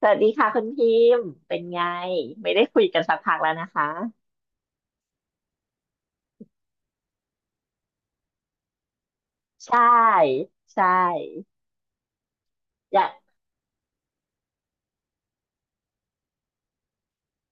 สวัสดีค่ะคุณพิมพ์เป็นไงไม่ได้คุยกันสักพักแล้วนะคะใช่ใช่อยาก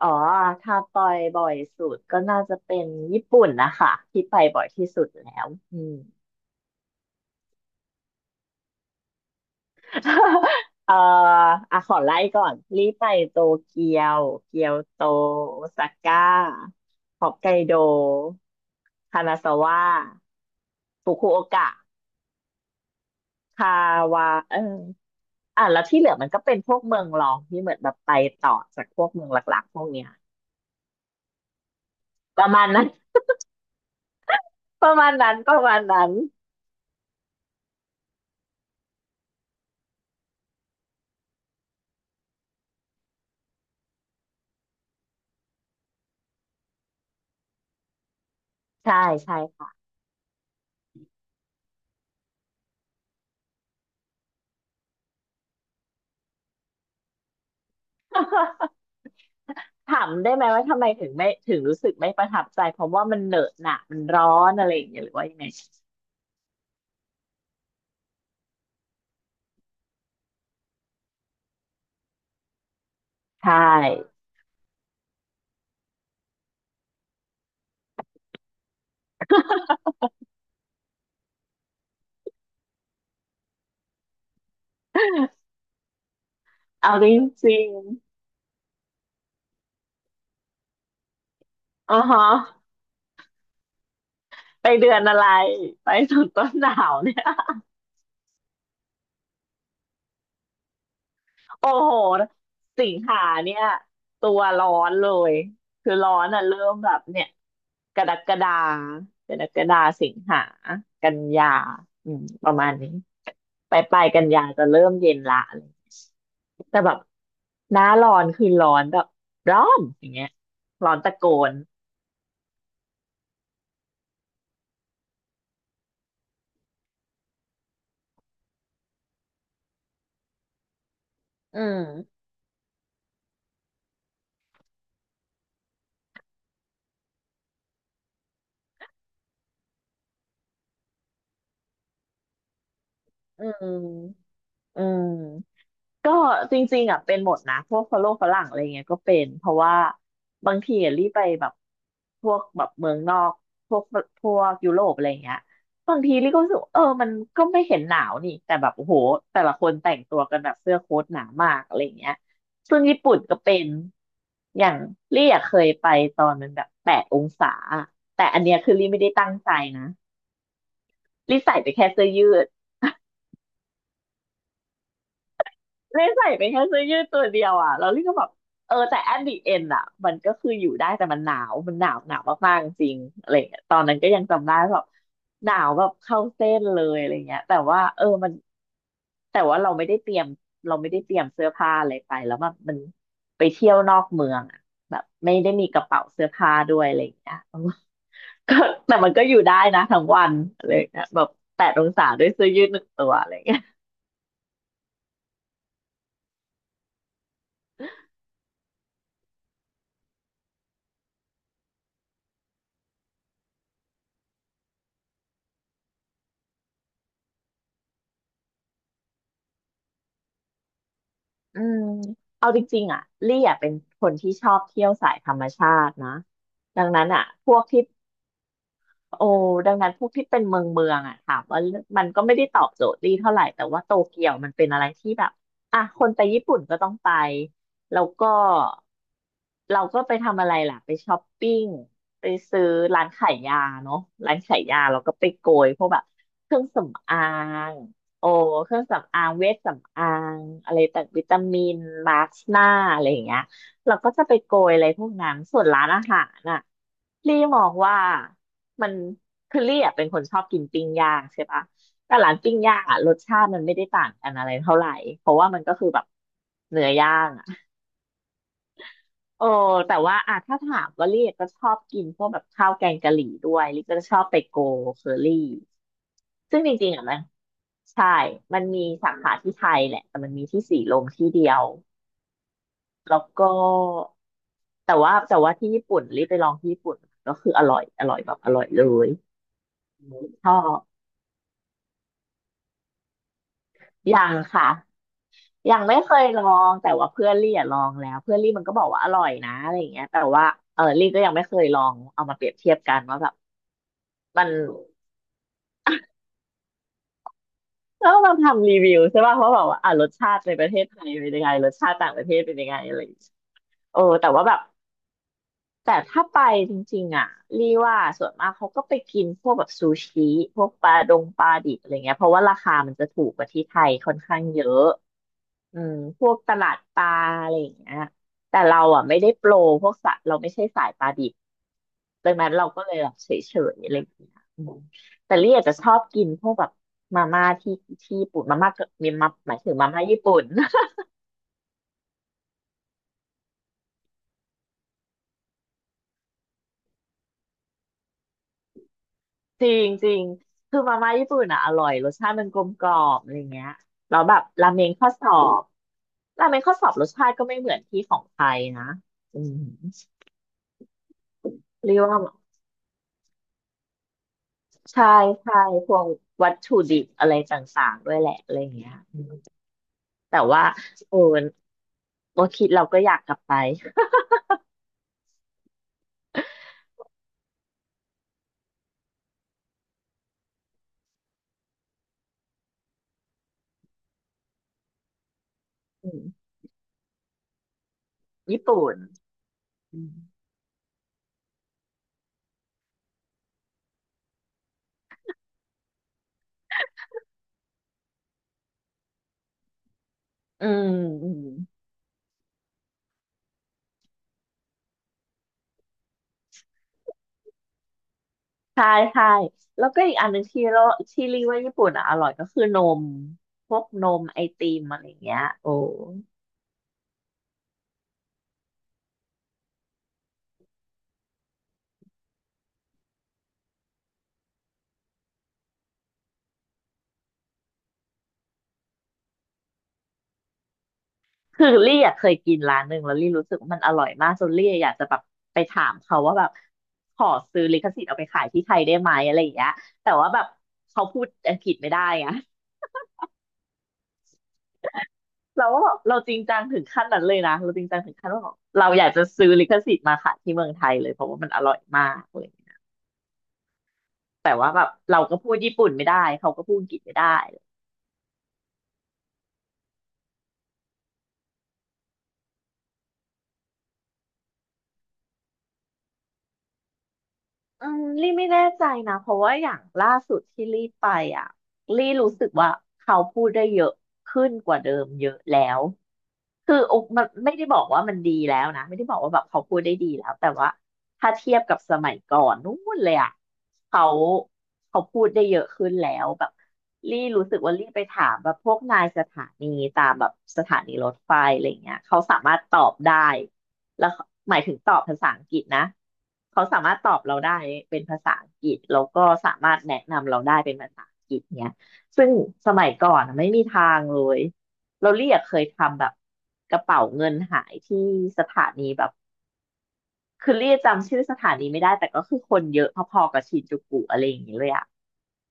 อ๋อถ้าปอยบ่อยสุดก็น่าจะเป็นญี่ปุ่นนะคะที่ไปบ่อยที่สุดแล้วอืม เอ่ออ่ะขอไล่ก่อนรีบไปโตเกียวเกียวโตโอซาก้าฮอกไกโดคานาซาวะฟุกุโอกะ คาวาเอออ่ะแล้วที่เหลือมันก็เป็นพวกเมืองรองที่เหมือนแบบไปต่อจากพวกเมืองหลักๆพวกเนี้ยประมาณนั้น ประมาณนั้นใช่ใช่ค่ะ ถามได้ไหมว่าทำไมถึงรู้สึกไม่ประทับใจเพราะว่ามันเหนอะหนะมันร้อนอะไรอย่างเงี้ยหรือว่ายังไงใช่ เอาจริงๆอ๋อฮะไปเดือนอะไรไปถึงต้นหนาวเนี่ย โอ้โห สิงหาเนี่ยตัวร้อนเลย คือร้อนอ่ะเริ่มแบบเนี่ยกรกฎากรกฎาสิงหา กันยาอืมประมาณนี้ไปลายๆกันยาจะเริ่มเย็นละอะไรอย่างเงี้ยแต่แบบหน้าร้อนคือร้อนแบบร้อนอย่างเงี้ยร้อนตะโกนอืมอืมอืม ก็จริงๆอ่ะเป็นหมดนะพวกฝรั่งอะไรเงี้ยก็เป็นเพราะว่าบางทีอะรีบไปแบบพวกแบบเมืองนอกพวกพวกยุโรปอะไรเงี้ยบางทีรีก็รู้สึกว่าเออมันก็ไม่เห็นหนาวนี่แต่แบบโอ้โหแต่ละคนแต่งตัวกันแบบเสื้อโค้ทหนามากอะไรเงี้ยซึ่งญี่ปุ่นก็เป็นอย่างรีอะเคยไปตอนมันแบบแปดองศาแต่อันเนี้ยคือรีไม่ได้ตั้งใจนะรีใส่ไปแค่เสื้อยืด เลยใส่ไปแค่เสื้อยืดตัวเดียวอ่ะแล้วลี่ก็แบบเออแต่ at the end อ่ะมันก็คืออยู่ได้แต่มันหนาวมันหนาวมากๆจริงๆอะไรเงี้ยตอนนั้นก็ยังจำได้แบบหนาวแบบเข้าเส้นเลยอะไรเงี้ยแต่ว่าเออมันแต่ว่าเราไม่ได้เตรียมเราไม่ได้เตรียมเสื้อผ้าอะไรไปแล้วมันไปเที่ยวนอกเมืองอ่ะแบบไม่ได้มีกระเป๋าเสื้อผ้าด้วยอะไรเงี้ยก็แต่มันก็อยู่ได้นะทั้งวันอะไรเงี้ยแบบแปดองศาด้วยเสื้อยืดหนึ่งตัวอะไรเงี้ย อืมเอาจริงๆอ่ะลี่อ่ะเป็นคนที่ชอบเที่ยวสายธรรมชาตินะดังนั้นอ่ะพวกที่ โอ้ดังนั้นพวกที่เป็นเมืองอะถามว่ามันก็ไม่ได้ตอบโจทย์ลี่เท่าไหร่แต่ว่าโตเกียวมันเป็นอะไรที่แบบอ่ะคนไปญี่ปุ่นก็ต้องไปแล้วก็เราก็ไปทำอะไรล่ะไปช้อปปิ้งไปซื้อร้านขายยาเนาะร้านขายยาเราก็ไปโกยพวกแบบเครื่องสำอางโอ้เครื่องสำอางเวชสำอางอะไรต่างวิตามินมาสก์หน้าอะไรอย่างเงี้ยเราก็จะไปโกยอะไรพวกนั้นส่วนร้านอาหารน่ะลี่มองว่า มันคือลี่อะเป็นคนชอบกินปิ้งย่างใช่ปะแต่ร้านปิ้งย่างอะรสชาติมันไม่ได้ต่างกันอะไรเท่าไหร่เพราะว่ามันก็คือแบบเนื้อย่างอะโอ้แต่ว่าอะถ้าถามว่าลี่ก็ชอบกินพวกแบบข้าวแกงกะหรี่ด้วยลี่ก็จะชอบไปโกเคอรี่ซึ่งจริงๆอะมันใช่มันมีสาขาที่ไทยแหละแต่มันมีที่สีลมที่เดียวแล้วก็แต่ว่าที่ญี่ปุ่นรีบไปลองที่ญี่ปุ่นก็คืออร่อยอร่อยแบบอร่อยเลยชอบ ยังค่ะ ยังไม่เคยลองแต่ว่าเพื่อนลี่อะลองแล้วเพื่อนลี่มันก็บอกว่าอร่อยนะอะไรอย่างเงี้ยแต่ว่าเออลี่ก็ยังไม่เคยลองเอามาเปรียบเทียบกันว่าแบบมันแล้วเราทำรีวิวใช่ป่ะเพราะแบบว่าอ่ะรสชาติในประเทศไทยเป็นยังไงรสชาติต่างประเทศเป็นยังไงอะไรอย่างเงี้ยโอ้แต่ว่าแบบ แต่ถ้าไปจริงๆอ่ะรีว่าส่วนมากเขาก็ไปกินพวกแบบซูชิพวกปลาดงปลาดิบอะไรเงี้ยเพราะว่าราคามันจะถูกกว่าที่ไทยค่อนข้างเยอะอืมพวกตลาดปลาอะไรอย่างเงี้ยแต่เราอ่ะไม่ได้โปรพวกสัตว์เราไม่ใช่สายปลาดิบดังนั้นเราก็เลยแบบเฉยๆอะไรอย่างเงี้ยอืมแต่ลี่อาจจะชอบกินพวกแบบมาม่าที่ญี่ปุ่นมาม่าก็มีมาหมายถึงมาม่าญี่ปุ่น จริงจริงคือมาม่าญี่ปุ่นอ่ะอร่อยรสชาติมันกลมกล่อมอะไรเงี้ยแล้วแบบราเมงข้อสอบราเมงข้อสอบรสชาติก็ไม่เหมือนที่ของไทยนะอืมเรียกว่าใช่ใช่พวกวัตถุดิบอะไรต่างๆด้วยแหละอะไรเงี้ยอืมแต่ว่าโอ้โอคิดเราก็อยากกลับไปอืมญี่ปุ่นอืมอืม ใช่ใช่แล้วก็อีกอันหนึ่งที่เราที่รีว่าญี่ปุ่นอ่ะอร่อยก็คือนมพวกนมไอติมอะไรอย่างเงี้ยโอ้คือลี่อะเคยกินร้านหนึ่งแล้วรี่รู้สึกว่ามันอร่อยมากจนลี่อยากจะแบบไปถามเขาว่าแบบขอซื้อลิขสิทธิ์เอาไปขายที่ไทยได้ไหมอะไรอย่างเงี้ยแต่ว่าแบบเขาพูดอังกฤษไม่ได้ไงเราก็แบบเราจริงจังถึงขั้นนั้นเลยนะเราจริงจังถึงขั้นว่าแบบเราอยากจะซื้อลิขสิทธิ์มาขายที่เมืองไทยเลยเพราะว่ามันอร่อยมากเลยแต่ว่าแบบเราก็พูดญี่ปุ่นไม่ได้เขาก็พูดอังกฤษไม่ได้ อืมลี่ไม่แน่ใจนะเพราะว่าอย่างล่าสุดที่ลี่ไปอ่ะลี่รู้สึกว่าเขาพูดได้เยอะขึ้นกว่าเดิมเยอะแล้วคืออกมันไม่ได้บอกว่ามันดีแล้วนะไม่ได้บอกว่าแบบเขาพูดได้ดีแล้วแต่ว่าถ้าเทียบกับสมัยก่อนนู่นเลยอ่ะเขาเขาพูดได้เยอะขึ้นแล้วแบบลี่รู้สึกว่าลี่ไปถามแบบพวกนายสถานีตามแบบสถานีรถไฟอะไรเงี้ยเขาสามารถตอบได้ แล้วหมายถึงตอบภาษาอังกฤษนะเขาสามารถตอบเราได้เป็นภาษาอังกฤษแล้วก็สามารถแนะนำเราได้เป็นภาษาอังกฤษเนี้ยซึ่งสมัยก่อนอะไม่มีทางเลยเราเรียกเคยทำแบบกระเป๋าเงินหายที่สถานีแบบคือเรียกจำชื่อสถานีไม่ได้แต่ก็คือคนเยอะพอๆกับชินจูกุอะไรอย่างเงี้ยเลยอะ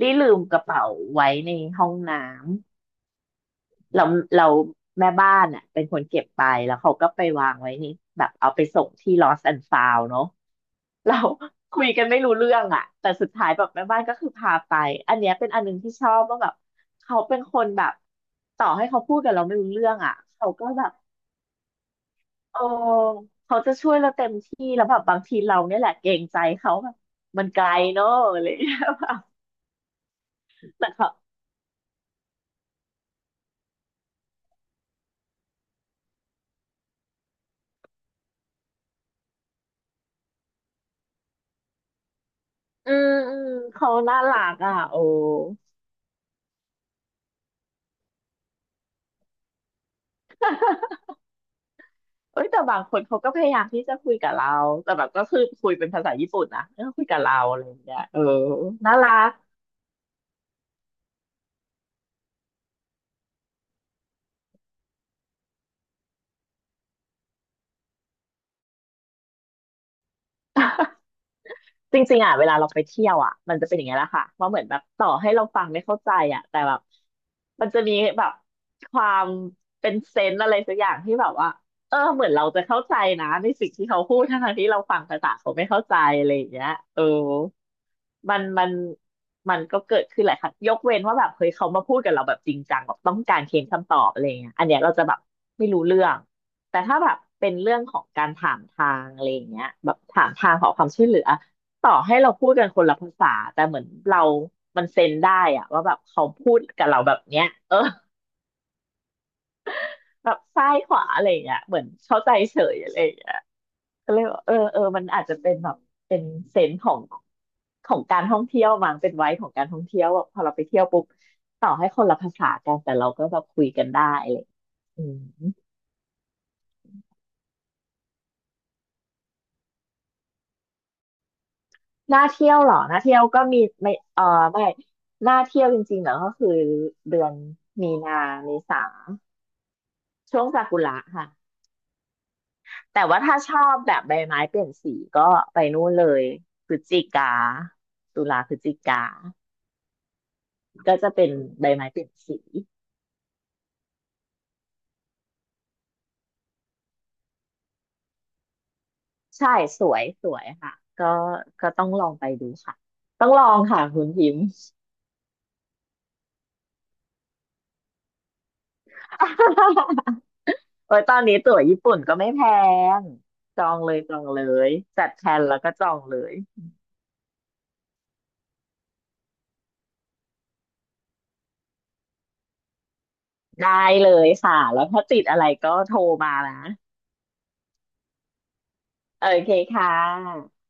รีลืมกระเป๋าไว้ในห้องน้ำ เราเราแม่บ้านอ่ะเป็นคนเก็บไปแล้วเขาก็ไปวางไว้นี่แบบเอาไปส่งที่ Lost and Found เนอะเรา คุยกันไม่รู้เรื่องอ่ะแต่สุดท้ายแบบแม่บ้านก็คือพาไปอันเนี้ยเป็นอันหนึงที่ชอบว่าแบบเขาเป็นคนแบบต่อให้เขาพูดกับเราไม่รู้เรื่องอ่ะเขาก็แบบโอ้เขาจะช่วยเราเต็มที่แล้วแบบบางทีเราเนี่ยแหละเกรงใจเขาแบบมันไกลเนอะอะไรอย่างเลย แต่เขาอืมเขาน่ารักอ่ะโอ้ เอ้ยแต่บางคนเขาก็พยายามที่จะคุยกับเราแต่แบบก็คือคุยเป็นภาษาญี่ปุ่นนะก็คุยกับเราอะไรอย่างเงี้ยเออน่ารัก จริงๆอ่ะเวลาเราไปเที่ยวอ่ะมันจะเป็นอย่างเงี้ยแหละค่ะว่าเหมือนแบบต่อให้เราฟังไม่เข้าใจอ่ะแต่แบบมันจะมีแบบความเป็นเซนส์อะไรสักอย่างที่แบบว่าเออเหมือนเราจะเข้าใจนะในสิ่งที่เขาพูดทั้งๆที่เราฟังภาษาเขาไม่เข้าใจอะไรอย่างเงี้ยเออ มันมันมันก็เกิดขึ้นหลายครั้งยกเว้นว่าแบบเฮ้ยเขามาพูดกับเราแบบจริงจังแบบต้องการเค้นคำตอบอะไรเงี้ยอันเนี้ยเราจะแบบไม่รู้เรื่องแต่ถ้าแบบเป็นเรื่องของการถามทางอะไรเงี้ยแบบถามทางขอความช่วยเหลือต่อให้เราพูดกันคนละภาษาแต่เหมือนเรามันเซนได้อะว่าแบบเขาพูดกับเราแบบเนี้ยเออแบบซ้ายขวาอะไรเงี้ยเหมือนเข้าใจเฉยอะไรเงี้ย ก็เลยบอกเออเออมันอาจจะเป็นแบบเป็นเซนส์ของการท่องเที่ยวมั้งเป็นไว้ของการท่องเที่ยวแบบพอเราไปเที่ยวปุ๊บต่อให้คนละภาษากันแต่เราก็แบบคุยกันได้อะไรอย่างเลยอืมน่าเที่ยวเหรอน่าเที่ยวก็มีไม่เออไม่น่าเที่ยวจริงๆเหรอก็คือเดือนมีนาเมษาช่วงซากุระค่ะแต่ว่าถ้าชอบแบบใบไม้เปลี่ยนสีก็ไปนู่นเลยพฤศจิกาตุลาพฤศจิกาก็จะเป็นใบไม้เปลี่ยนสี ใช่สวยสวยค่ะก็ก็ต้องลองไปดูค่ะต้องลองค่ะคุณพิมพ์ โอ้ยตอนนี้ตั๋วญี่ปุ่นก็ไม่แพงจองเลยจัดแพลนแล้วก็จองเลยได้เลยค่ะแล้วถ้าติดอะไรก็โทรมานะโอเคค่ะ